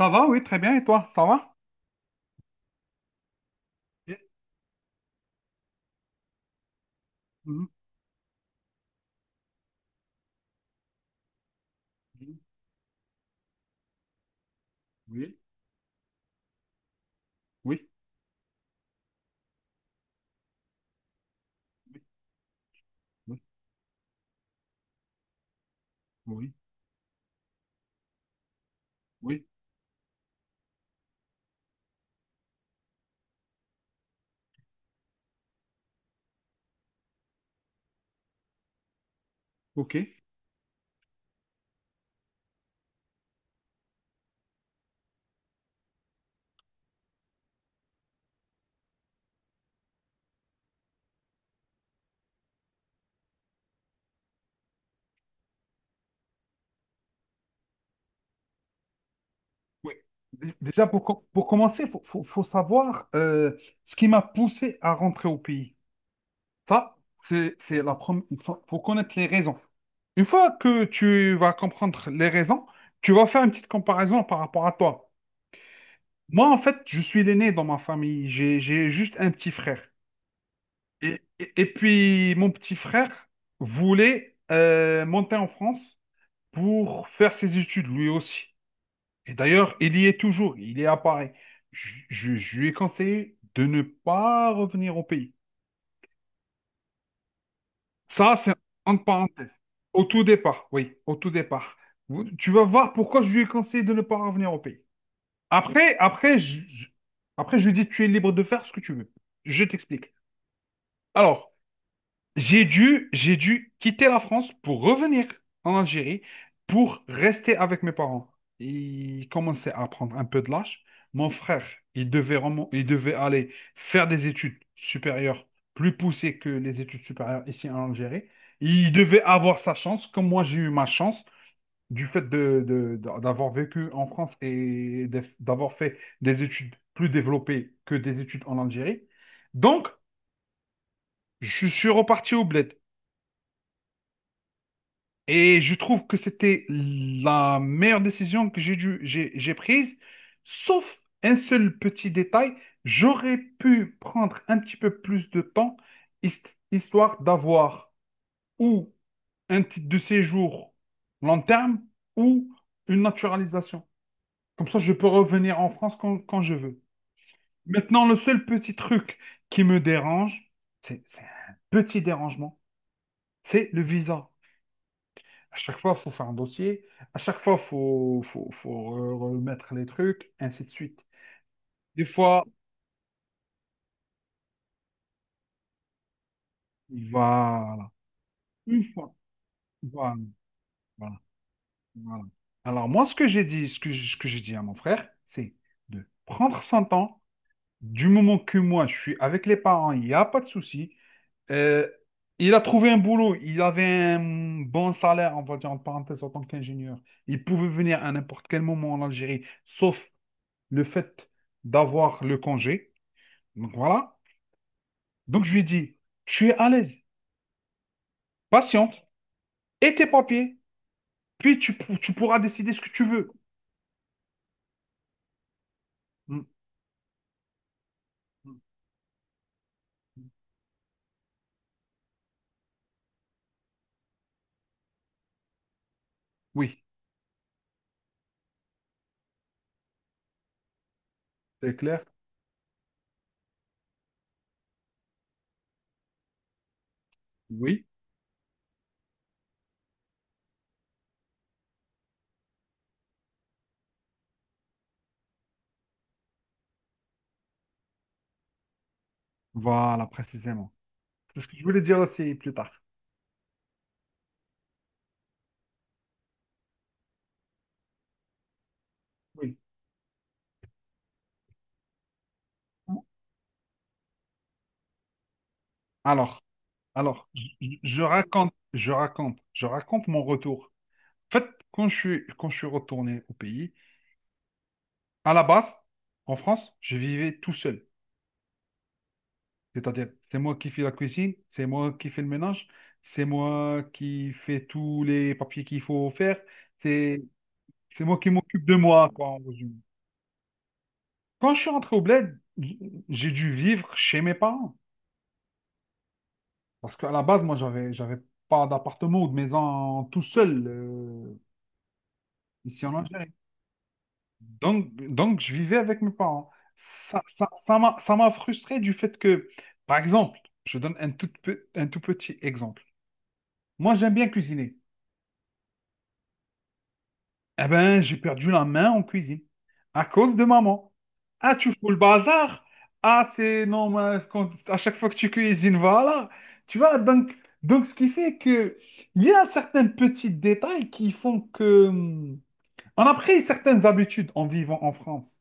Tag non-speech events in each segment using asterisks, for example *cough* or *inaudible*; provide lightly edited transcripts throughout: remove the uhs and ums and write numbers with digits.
Ça va, oui, très bien. Et toi, ça va? Eh, mhm, mhm. Oui, oui, oui, oui, oui, oui. OK. Oui. Déjà, pour commencer, il faut savoir, ce qui m'a poussé à rentrer au pays. Ça, c'est la première. Il faut connaître les raisons. Une fois que tu vas comprendre les raisons, tu vas faire une petite comparaison par rapport à toi. Moi, en fait, je suis l'aîné dans ma famille. J'ai juste un petit frère. Et puis, mon petit frère voulait monter en France pour faire ses études, lui aussi. Et d'ailleurs, il y est toujours, il est à Paris. Je lui ai conseillé de ne pas revenir au pays. Ça, c'est entre parenthèses. Au tout départ, oui, au tout départ. Tu vas voir pourquoi je lui ai conseillé de ne pas revenir au pays. Après, après, je, je- après, je lui ai dit, tu es libre de faire ce que tu veux. Je t'explique. Alors, j'ai dû quitter la France pour revenir en Algérie pour rester avec mes parents. Ils commençaient à prendre un peu de lâche. Mon frère, il devait aller faire des études supérieures plus poussées que les études supérieures ici en Algérie. Il devait avoir sa chance, comme moi j'ai eu ma chance du fait d'avoir vécu en France et d'avoir fait des études plus développées que des études en Algérie. Donc, je suis reparti au bled. Et je trouve que c'était la meilleure décision que j'ai prise, sauf un seul petit détail. J'aurais pu prendre un petit peu plus de temps, histoire d'avoir ou un titre de séjour long terme ou une naturalisation. Comme ça, je peux revenir en France quand je veux. Maintenant, le seul petit truc qui me dérange, c'est un petit dérangement, c'est le visa. À chaque fois, il faut faire un dossier. À chaque fois, il faut remettre les trucs, ainsi de suite. Des fois, voilà. Une fois. Voilà, voilà, voilà. Alors, moi, ce que j'ai dit à mon frère, c'est de prendre son temps. Du moment que moi, je suis avec les parents, il n'y a pas de souci. Euh, il a trouvé un boulot. Il avait un bon salaire, on va dire en parenthèse, en tant qu'ingénieur. Il pouvait venir à n'importe quel moment en Algérie, sauf le fait d'avoir le congé. Donc voilà. Donc je lui ai dit, tu es à l'aise, patiente, et tes papiers, puis tu pourras décider ce que tu veux. Mm, mm. Oui, c'est clair? Oui, voilà, précisément. C'est ce que je voulais dire aussi plus tard. Oui. Alors, alors, je raconte mon retour. En fait, quand je suis retourné au pays, à la base, en France, je vivais tout seul. C'est-à-dire, c'est moi qui fais la cuisine, c'est moi qui fais le ménage, c'est moi qui fais tous les papiers qu'il faut faire, c'est c'est moi qui m'occupe de moi, quoi, en résumé. Quand je suis rentré au bled, j'ai dû vivre chez mes parents. Parce qu'à la base, moi, j'avais pas d'appartement ou de maison tout seul, ici en Algérie. Donc, je vivais avec mes parents. Ça m'a frustré du fait que, par exemple, je donne un tout petit exemple. Moi, j'aime bien cuisiner. Eh ben, j'ai perdu la main en cuisine à cause de maman. Ah, tu fous le bazar? Ah, c'est non, mais à chaque fois que tu cuisines, voilà. Tu vois, donc ce qui fait que il y a certains petits détails qui font que on a pris certaines habitudes en vivant en France.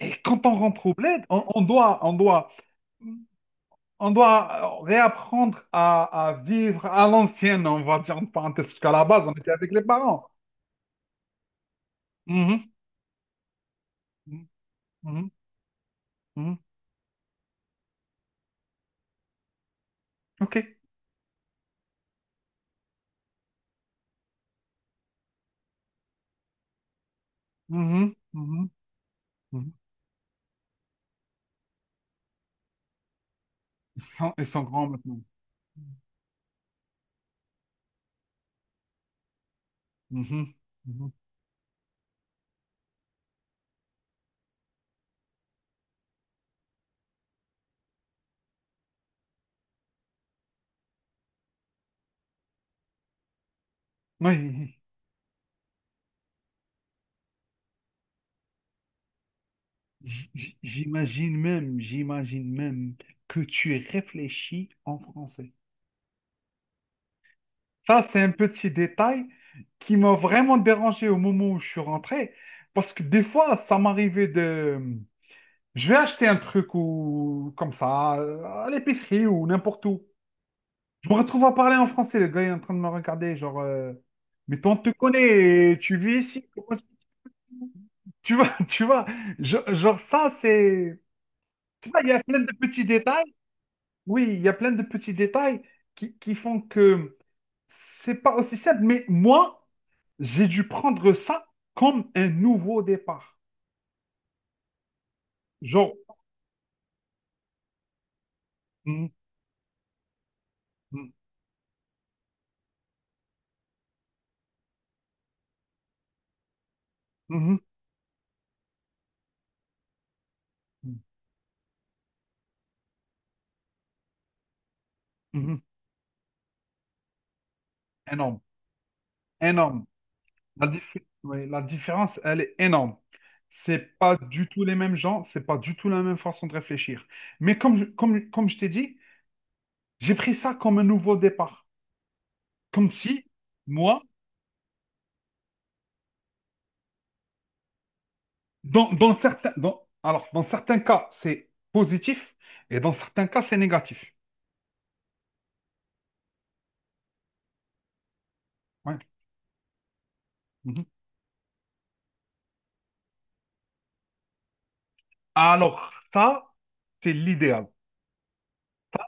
Et quand on rentre au bled, on doit réapprendre à vivre à l'ancienne, on va dire en parenthèse, parce qu'à la base, on était avec les parents. Mhm. Mhm. Mhm. OK. Mhm, mhm, mhm. Ils sont grands maintenant. Mhm, mhm. Oui, j'imagine même que tu réfléchis en français. Ça, c'est un petit détail qui m'a vraiment dérangé au moment où je suis rentré, parce que des fois, ça m'arrivait de. Je vais acheter un truc ou comme ça, à l'épicerie ou n'importe où. Je me retrouve à parler en français, le gars est en train de me regarder, genre, mais toi, on te connaît, tu vis ici, comment est-ce que tu- Tu vois, *laughs* tu vois, genre ça, c'est. Tu vois, il y a plein de petits détails. Oui, il y a plein de petits détails qui font que c'est pas aussi simple. Mais moi, j'ai dû prendre ça comme un nouveau départ. Genre, mhm, mhm, mhm, mhm, énorme, énorme. Ouais, la différence, elle est énorme. C'est pas du tout les mêmes gens, c'est pas du tout la même façon de réfléchir. Mais comme je t'ai dit, j'ai pris ça comme un nouveau départ. Comme si, moi, alors, dans certains cas, c'est positif et dans certains cas, c'est négatif. Ouais. Mhm. Alors, ça, c'est l'idéal. Ça,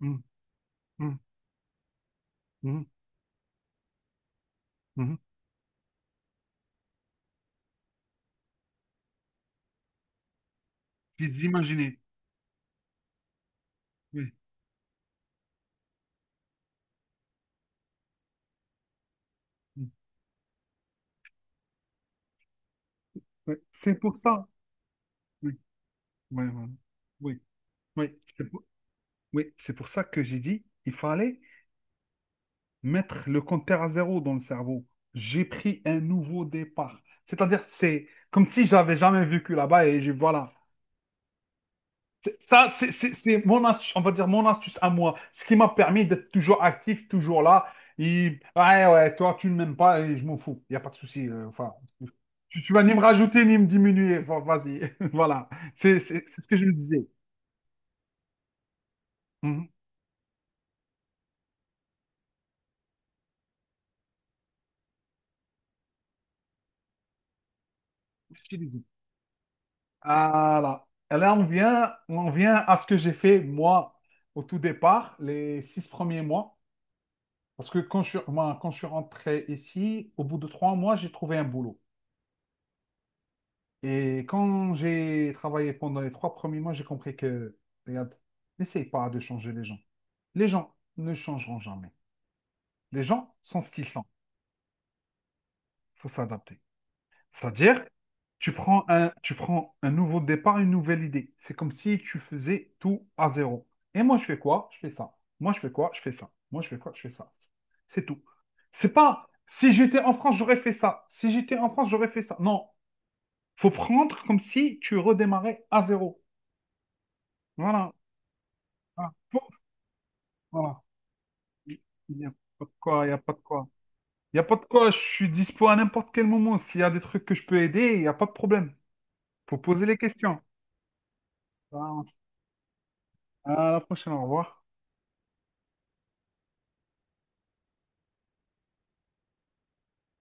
mm, mm, mm, mhm. Puis imaginez. Oui, mm, ouais. C'est pour ça. Oui, ouais, ouais. Oui, oui. Oui, c'est pour ça que j'ai dit, il fallait mettre le compteur à zéro dans le cerveau. J'ai pris un nouveau départ. C'est-à-dire, c'est comme si j'avais jamais vécu là-bas et voilà. Ça, c'est mon astuce, on va dire mon astuce à moi. Ce qui m'a permis d'être toujours actif, toujours là. Et, ouais, ouais, toi, tu ne m'aimes pas et je m'en fous. Il n'y a pas de souci. Enfin, tu vas ni me rajouter ni me diminuer. Enfin, vas-y. *laughs* Voilà. C'est ce que je me disais. Mhm. Je te l'ai dit. Voilà. Et là, on vient à ce que j'ai fait, moi, au tout départ, les 6 premiers mois. Parce que moi, quand je suis rentré ici, au bout de 3 mois, j'ai trouvé un boulot. Et quand j'ai travaillé pendant les 3 premiers mois, j'ai compris que, regarde, n'essaye pas de changer les gens. Les gens ne changeront jamais. Les gens sont ce qu'ils sont. Il faut s'adapter. C'est-à-dire, tu prends un nouveau départ, une nouvelle idée. C'est comme si tu faisais tout à zéro. Et moi, je fais quoi? Je fais ça. Moi, je fais quoi? Je fais ça. Moi, je fais quoi? Je fais ça. C'est tout. C'est pas, si j'étais en France, j'aurais fait ça. Si j'étais en France, j'aurais fait ça. Non. Faut prendre comme si tu redémarrais à zéro. Voilà. Ah, Voilà. Il n'y a pas de quoi, il n'y a pas de quoi. Il n'y a pas de quoi, je suis dispo à n'importe quel moment. S'il y a des trucs que je peux aider, il n'y a pas de problème. Faut poser les questions. Voilà. À la prochaine, au revoir.